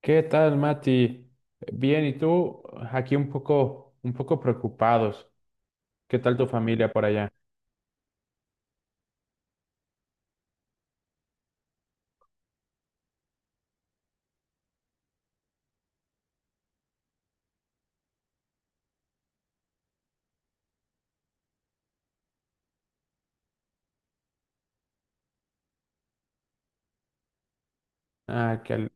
¿Qué tal, Mati? Bien, ¿y tú? Aquí un poco preocupados. ¿Qué tal tu familia por allá? Ah, qué, al-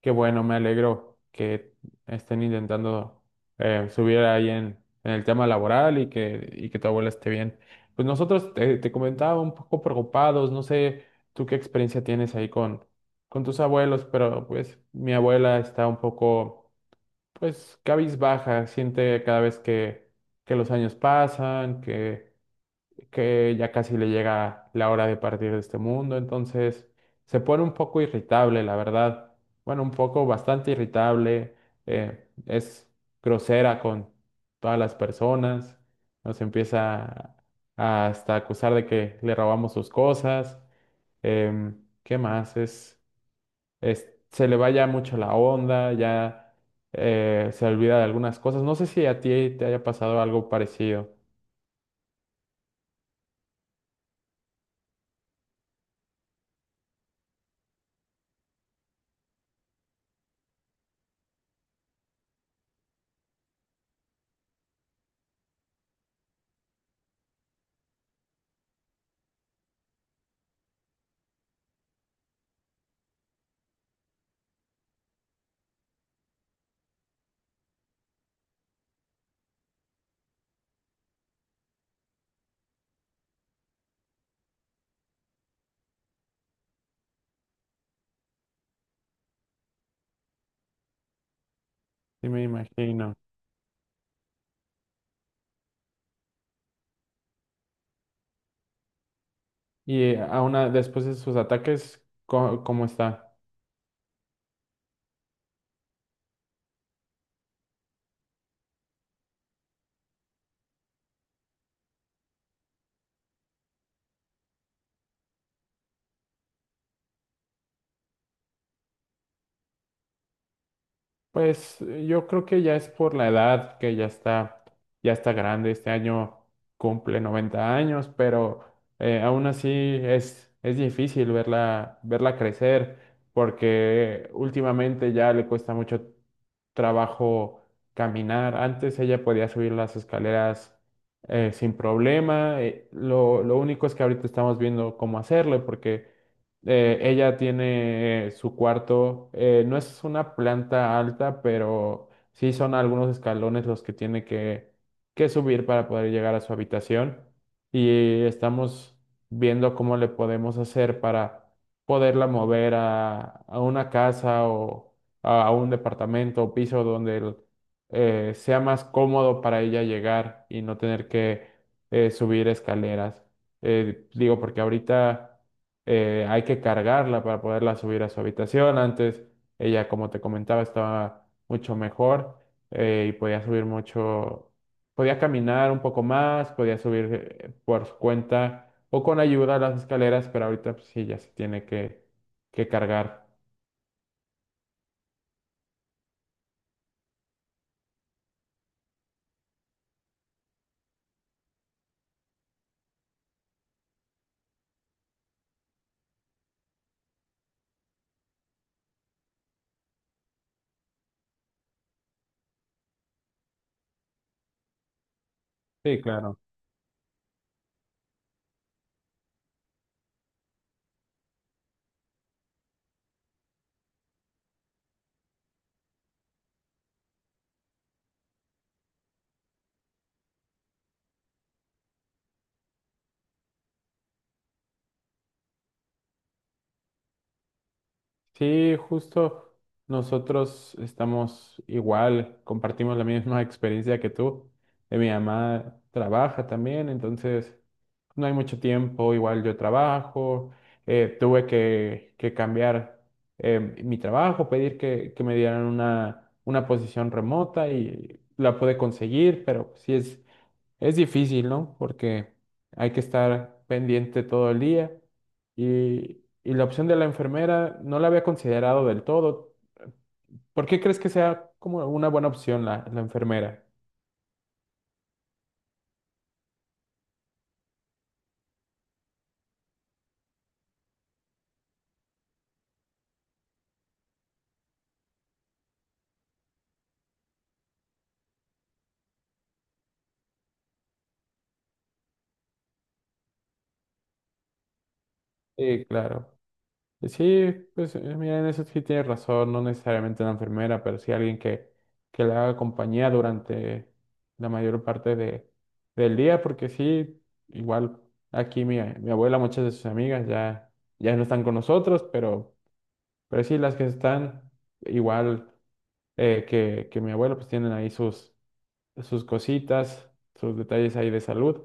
Qué bueno, me alegro que estén intentando subir ahí en el tema laboral y que tu abuela esté bien. Pues nosotros te, te comentaba un poco preocupados, no sé tú qué experiencia tienes ahí con tus abuelos, pero pues mi abuela está un poco, pues cabizbaja, siente cada vez que los años pasan, que ya casi le llega la hora de partir de este mundo, entonces se pone un poco irritable, la verdad. Bueno, un poco bastante irritable, es grosera con todas las personas, nos empieza a hasta acusar de que le robamos sus cosas, ¿qué más? Se le va ya mucho la onda, ya se olvida de algunas cosas. No sé si a ti te haya pasado algo parecido, sí me imagino. Y después de sus ataques, ¿cómo está? Pues yo creo que ya es por la edad, que ya está grande. Este año cumple 90 años, pero aún así es difícil verla, verla crecer, porque últimamente ya le cuesta mucho trabajo caminar. Antes ella podía subir las escaleras sin problema. Lo único es que ahorita estamos viendo cómo hacerle, porque ella tiene su cuarto, no es una planta alta, pero sí son algunos escalones los que tiene que subir para poder llegar a su habitación. Y estamos viendo cómo le podemos hacer para poderla mover a una casa o a un departamento o piso sea más cómodo para ella llegar y no tener que subir escaleras. Digo, porque ahorita hay que cargarla para poderla subir a su habitación. Antes ella, como te comentaba, estaba mucho mejor y podía subir mucho, podía caminar un poco más, podía subir por su cuenta o con ayuda a las escaleras, pero ahorita pues, sí ya se tiene que cargar. Sí, claro. Sí, justo nosotros estamos igual, compartimos la misma experiencia que tú. Mi mamá trabaja también, entonces no hay mucho tiempo, igual yo trabajo, tuve que cambiar mi trabajo, pedir que me dieran una posición remota y la pude conseguir, pero sí es difícil, ¿no? Porque hay que estar pendiente todo el día y la opción de la enfermera no la había considerado del todo. ¿Por qué crees que sea como una buena opción la, la enfermera? Sí, claro. Sí, pues mira, en eso sí tienes razón, no necesariamente una enfermera, pero sí alguien que le haga compañía durante la mayor parte de, del día, porque sí, igual aquí mi, mi abuela, muchas de sus amigas ya, ya no están con nosotros, pero... Pero sí, las que están igual que mi abuelo, pues tienen ahí sus, sus cositas, sus detalles ahí de salud.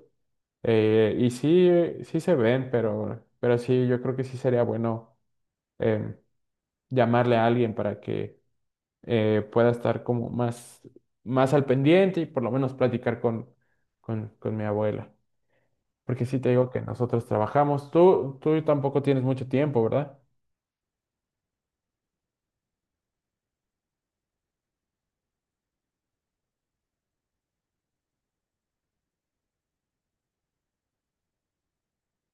Y sí, sí se ven, pero sí, yo creo que sí sería bueno em, llamarle a alguien para que pueda estar como más, más al pendiente y por lo menos platicar con mi abuela. Porque sí te digo que nosotros trabajamos. Tú tampoco tienes mucho tiempo, ¿verdad?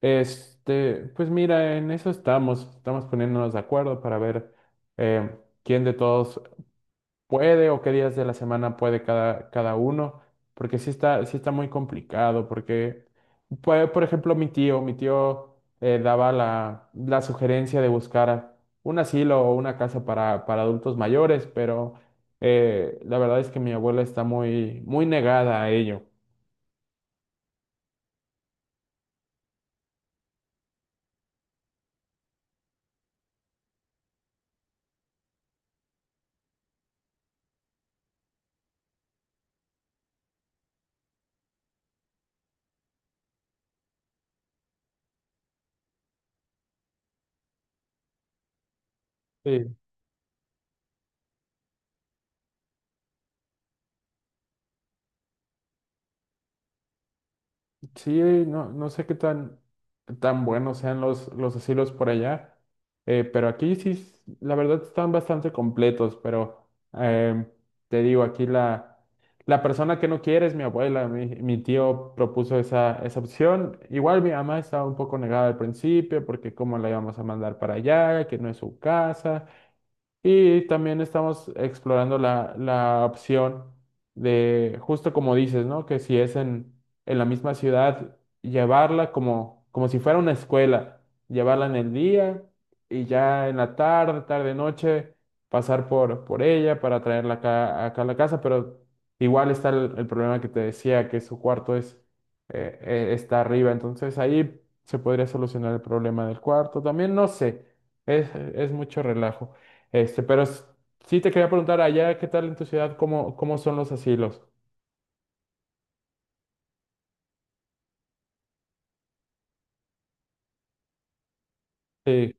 Este, pues mira, en eso estamos, estamos poniéndonos de acuerdo para ver eh, quién de todos puede o qué días de la semana puede cada, cada uno, porque sí está muy complicado, porque, pues, por ejemplo, mi tío daba la, la sugerencia de buscar un asilo o una casa para adultos mayores, pero la verdad es que mi abuela está muy, muy negada a ello. Sí, no, no sé qué tan, tan buenos sean los asilos por allá, pero aquí sí, s- la verdad están bastante completos, pero te digo, aquí la, la persona que no quiere es mi abuela, mi tío propuso esa, esa opción, igual mi mamá estaba un poco negada al principio porque cómo la íbamos a mandar para allá, que no es su casa. Y también estamos explorando la, la opción de, justo como dices, ¿no? Que si es en la misma ciudad, llevarla como, como si fuera una escuela, llevarla en el día y ya en la tarde, tarde, noche, pasar por ella para traerla acá, acá a la casa, pero igual está el problema que te decía, que su cuarto es, está arriba, entonces ahí se podría solucionar el problema del cuarto. También no sé, es mucho relajo. Este, pero s- sí te quería preguntar, allá, ¿qué tal en tu ciudad? ¿Cómo, cómo son los asilos? Sí,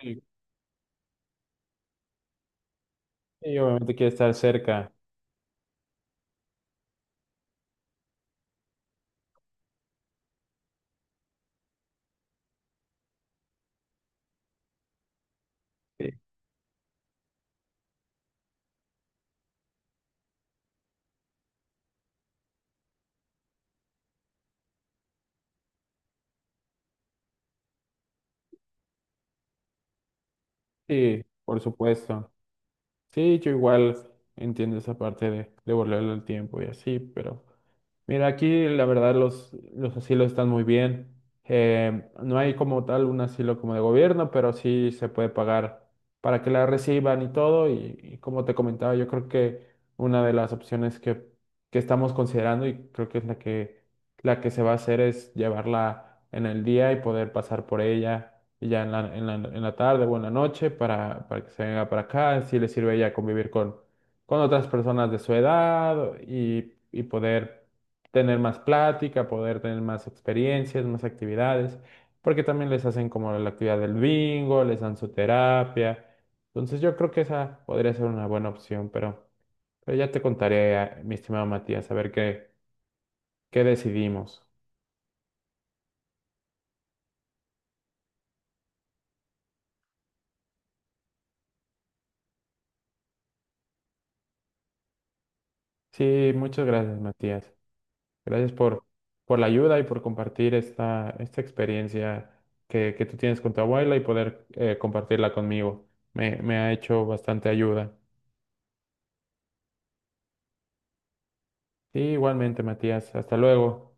sí, sí, obviamente quiere estar cerca. Sí, sí, por supuesto. Sí, yo igual entiendo esa parte de devolverle el tiempo y así, pero mira, aquí la verdad los asilos están muy bien. No hay como tal un asilo como de gobierno, pero sí se puede pagar para que la reciban y todo. Y como te comentaba, yo creo que una de las opciones que estamos considerando y creo que es la que se va a hacer es llevarla en el día y poder pasar por ella y ya en la, en la, en la tarde o en la noche para que se venga para acá. Si le sirve ya convivir con otras personas de su edad y poder tener más plática, poder tener más experiencias, más actividades, porque también les hacen como la actividad del bingo, les dan su terapia. Entonces yo creo que esa podría ser una buena opción, pero ya te contaré, mi estimado Matías, a ver qué, qué decidimos. Sí, muchas gracias, Matías. Gracias por la ayuda y por compartir esta, esta experiencia que tú tienes con tu abuela y poder compartirla conmigo. Me ha hecho bastante ayuda. Sí, igualmente, Matías. Hasta luego.